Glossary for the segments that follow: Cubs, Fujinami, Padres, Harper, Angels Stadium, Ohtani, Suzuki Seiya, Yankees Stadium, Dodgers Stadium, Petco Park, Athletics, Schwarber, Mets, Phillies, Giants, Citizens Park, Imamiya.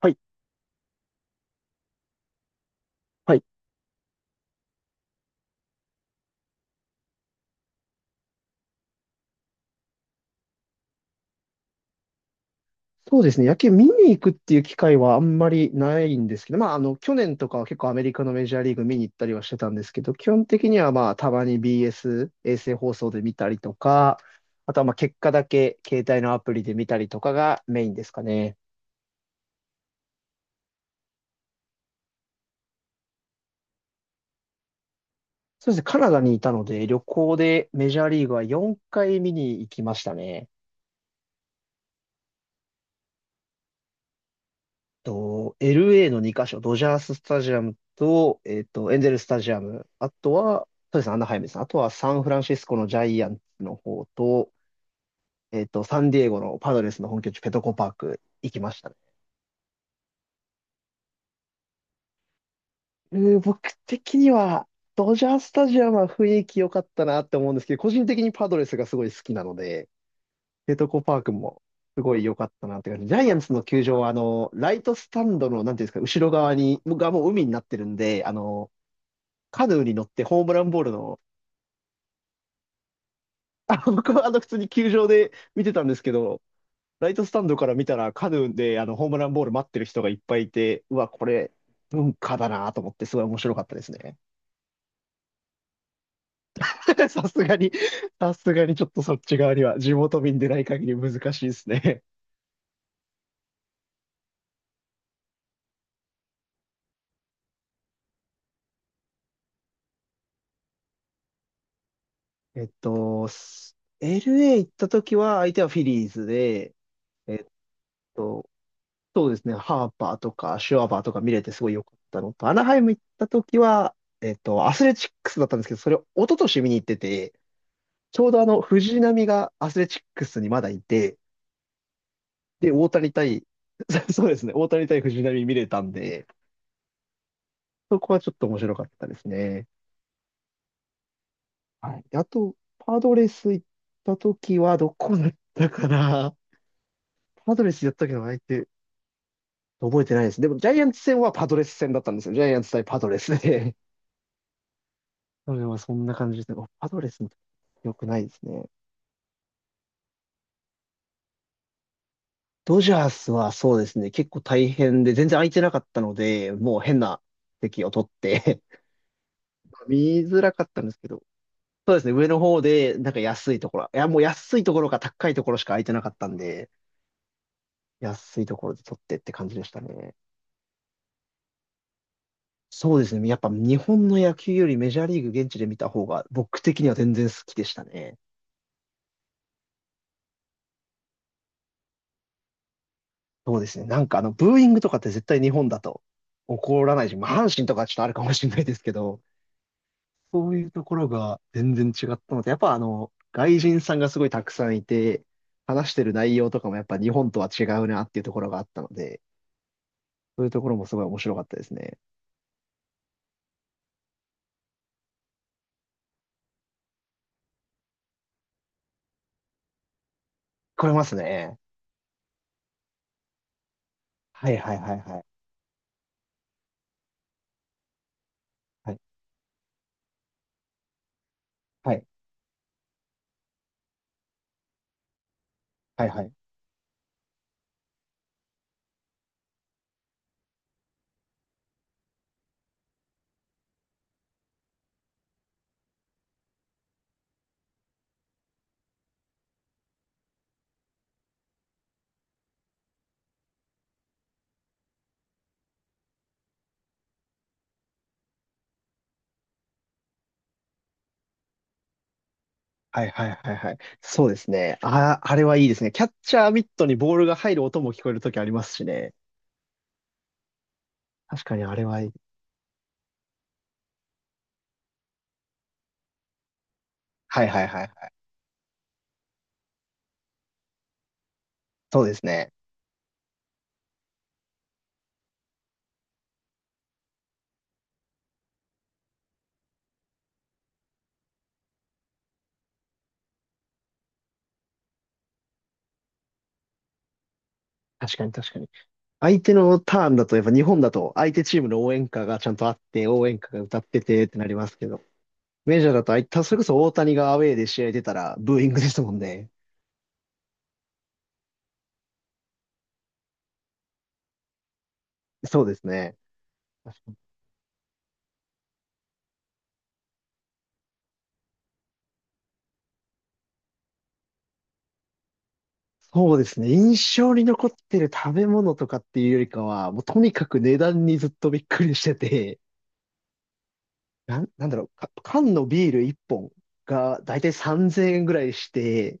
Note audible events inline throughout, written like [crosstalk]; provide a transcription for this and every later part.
はいはいそうですね。野球見に行くっていう機会はあんまりないんですけど、まあ、去年とかは結構アメリカのメジャーリーグ見に行ったりはしてたんですけど、基本的にはまあ、たまに BS、衛星放送で見たりとか、あとはまあ、結果だけ携帯のアプリで見たりとかがメインですかね。そうですね。カナダにいたので、旅行でメジャーリーグは4回見に行きましたね。LA の2カ所、ドジャーススタジアムと、エンゼルスタジアム、あとは、そうですね、アナハイムですね。あとはサンフランシスコのジャイアンツの方と、サンディエゴのパドレスの本拠地ペトコパーク行きましたね。僕的には、ドジャースタジアムは雰囲気良かったなって思うんですけど、個人的にパドレスがすごい好きなので、ペトコパークもすごい良かったなって感じ。ジャイアンツの球場は、ライトスタンドの、なんていうんですか、後ろ側に、がもう海になってるんで、あの、カヌーに乗ってホームランボールの、僕は普通に球場で見てたんですけど、ライトスタンドから見たらカヌーでホームランボール待ってる人がいっぱいいて、うわ、これ、文化だなと思って、すごい面白かったですね。[laughs] さすがに、さすがにちょっとそっち側には、地元民でない限り難しいですね。[laughs] えっと、LA 行った時は、相手はフィリーズで、えっと、そうですね。ハーパーとかシュワバーとか見れてすごい良かったのと、アナハイム行った時は、アスレチックスだったんですけど、それを一昨年見に行ってて、ちょうど藤浪がアスレチックスにまだいて、で、大谷対、[laughs] そうですね、大谷対藤浪見れたんで、そこはちょっと面白かったですね。はい。であと、パドレス行った時はどこだったかな。パドレスやったけど相手、覚えてないです。でも、ジャイアンツ戦はパドレス戦だったんですよ。ジャイアンツ対パドレスで。それはそんな感じですね。おパドレスも良くないですね。ドジャースはそうですね、結構大変で、全然空いてなかったので、もう変な席を取って [laughs] 見づらかったんですけど、そうですね、上の方で、なんか安いところ、いや、もう安いところか高いところしか空いてなかったんで、安いところで取ってって感じでしたね。そうですね、やっぱ日本の野球よりメジャーリーグ現地で見た方が、僕的には全然好きでしたね。そうですね。なんかブーイングとかって絶対日本だと起こらないし、まあ、阪神とかちょっとあるかもしれないですけど、そういうところが全然違ったので、やっぱ外人さんがすごいたくさんいて、話してる内容とかもやっぱ日本とは違うなっていうところがあったので、そういうところもすごい面白かったですね。聞こえますね。はいはいはいはい。はい。はいはい。はいはいはいはいはい。そうですね。あ、あれはいいですね。キャッチャーミットにボールが入る音も聞こえるときありますしね。確かにあれはいい。はいはいはいはい。そうですね。確かに確かに。相手のターンだと、やっぱ日本だと相手チームの応援歌がちゃんとあって、応援歌が歌っててってなりますけど、メジャーだと、あいたそれこそ大谷がアウェーで試合出たらブーイングですもんね。そうですね。確かにそうですね。印象に残ってる食べ物とかっていうよりかは、もうとにかく値段にずっとびっくりしてて、なんだろう、か缶のビール1本がだいたい3000円ぐらいして、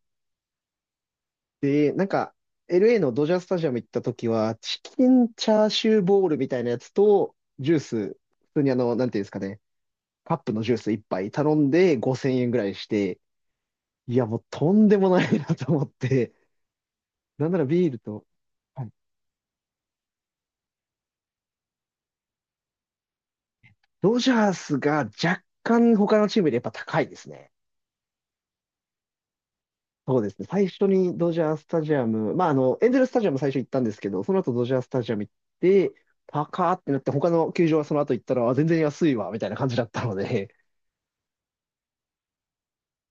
で、なんか、LA のドジャースタジアム行った時は、チキンチャーシューボールみたいなやつと、ジュース、普通になんていうんですかね、カップのジュース一杯頼んで5000円ぐらいして、いや、もうとんでもないなと思って、なんならビールと、はい、ドジャースが若干他のチームよりやっぱ高いですね。そうですね。最初にドジャースタジアム、まあ、エンゼルスタジアム最初行ったんですけど、その後ドジャースタジアム行って、高ーってなって、他の球場はその後行ったら、あ全然安いわ、みたいな感じだったので、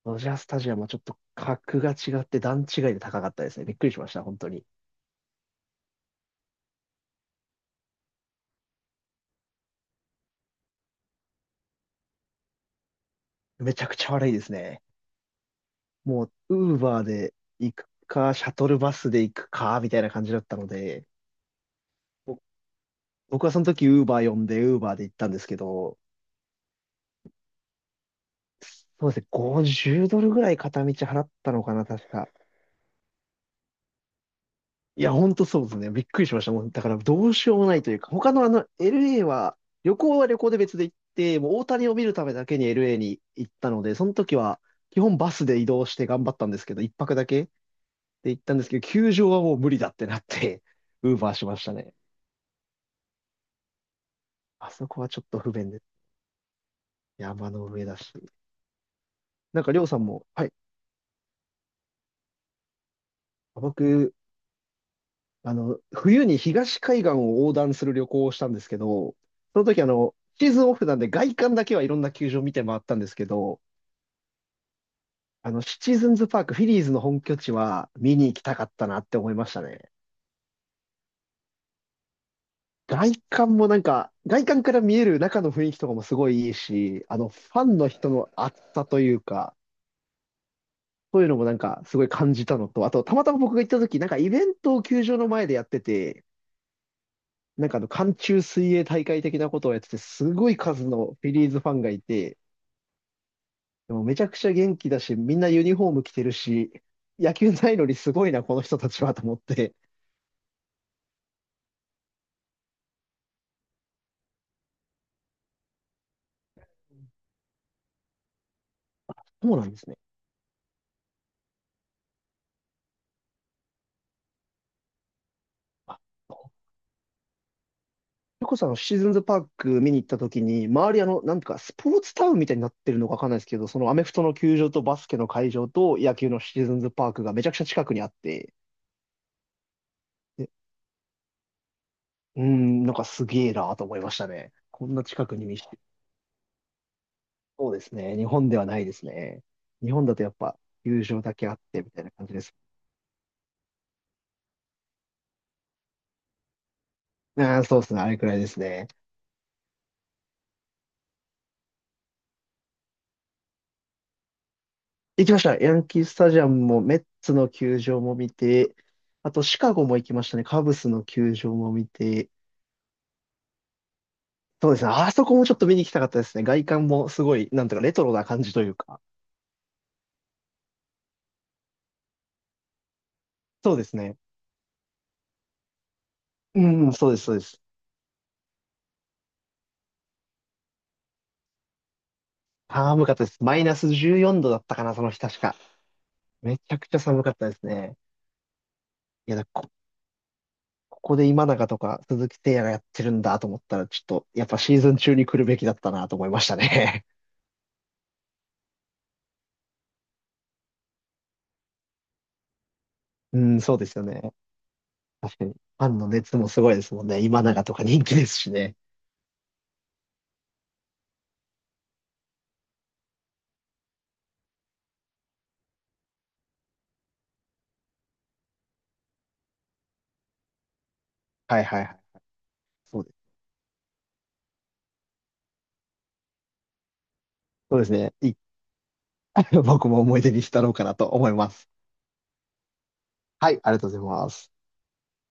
ドジャースタジアムはちょっと格が違って段違いで高かったですね。びっくりしました、本当に。めちゃくちゃ悪いですね。もう、ウーバーで行くか、シャトルバスで行くか、みたいな感じだったので、ぼ僕はその時ウーバー呼んで、ウーバーで行ったんですけど、そうですね、50ドルぐらい片道払ったのかな、確か。いや、ほんとそうですね。びっくりしました。もう、だからどうしようもないというか、他のLA は、旅行は旅行で別で行って、もう大谷を見るためだけに LA に行ったので、その時は、基本バスで移動して頑張ったんですけど、一泊だけで行ったんですけど、球場はもう無理だってなって、[laughs] ウーバーしましたね。あそこはちょっと不便で、山の上だし。なんか、りょうさんも、はい。僕、冬に東海岸を横断する旅行をしたんですけど、その時シーズンオフなんで外観だけはいろんな球場見て回ったんですけど、シチズンズパーク、フィリーズの本拠地は見に行きたかったなって思いましたね。外観もなんか、外観から見える中の雰囲気とかもすごいいいし、ファンの人の熱さというか、そういうのもなんかすごい感じたのと、あと、たまたま僕が行った時、なんかイベントを球場の前でやってて、なんか寒中水泳大会的なことをやってて、すごい数のフィリーズファンがいて、でもめちゃくちゃ元気だし、みんなユニフォーム着てるし、野球ないのにすごいな、この人たちはと思って。そうなんですね。あゆこさん、シーズンズパーク見に行った時に、周りなんとかスポーツタウンみたいになってるのかわかんないですけど、そのアメフトの球場とバスケの会場と野球のシーズンズパークがめちゃくちゃ近くにあって、で、うーん、なんかすげえなと思いましたね。こんな近くに見して。そうですね。日本ではないですね。日本だとやっぱ球場だけあってみたいな感じです。ああ、そうですね。あれくらいですね。行きました。ヤンキースタジアムもメッツの球場も見て、あとシカゴも行きましたね。カブスの球場も見て、そうですね。あそこもちょっと見に行きたかったですね。外観もすごい、なんとかレトロな感じというか。そうですね。うん、そうです。寒かったです。マイナス14度だったかな、その日確か。めちゃくちゃ寒かったですね。いや、だこ、ここで今永とか鈴木誠也がやってるんだと思ったら、ちょっと、やっぱシーズン中に来るべきだったなと思いましたね。[laughs] うん、そうですよね。確かに。ファンの熱もすごいですもんね。今永とか人気ですしね。はいはいはい。そうです。そうですね。[laughs] 僕も思い出に浸ろうかなと思います。はい、ありがとうございます。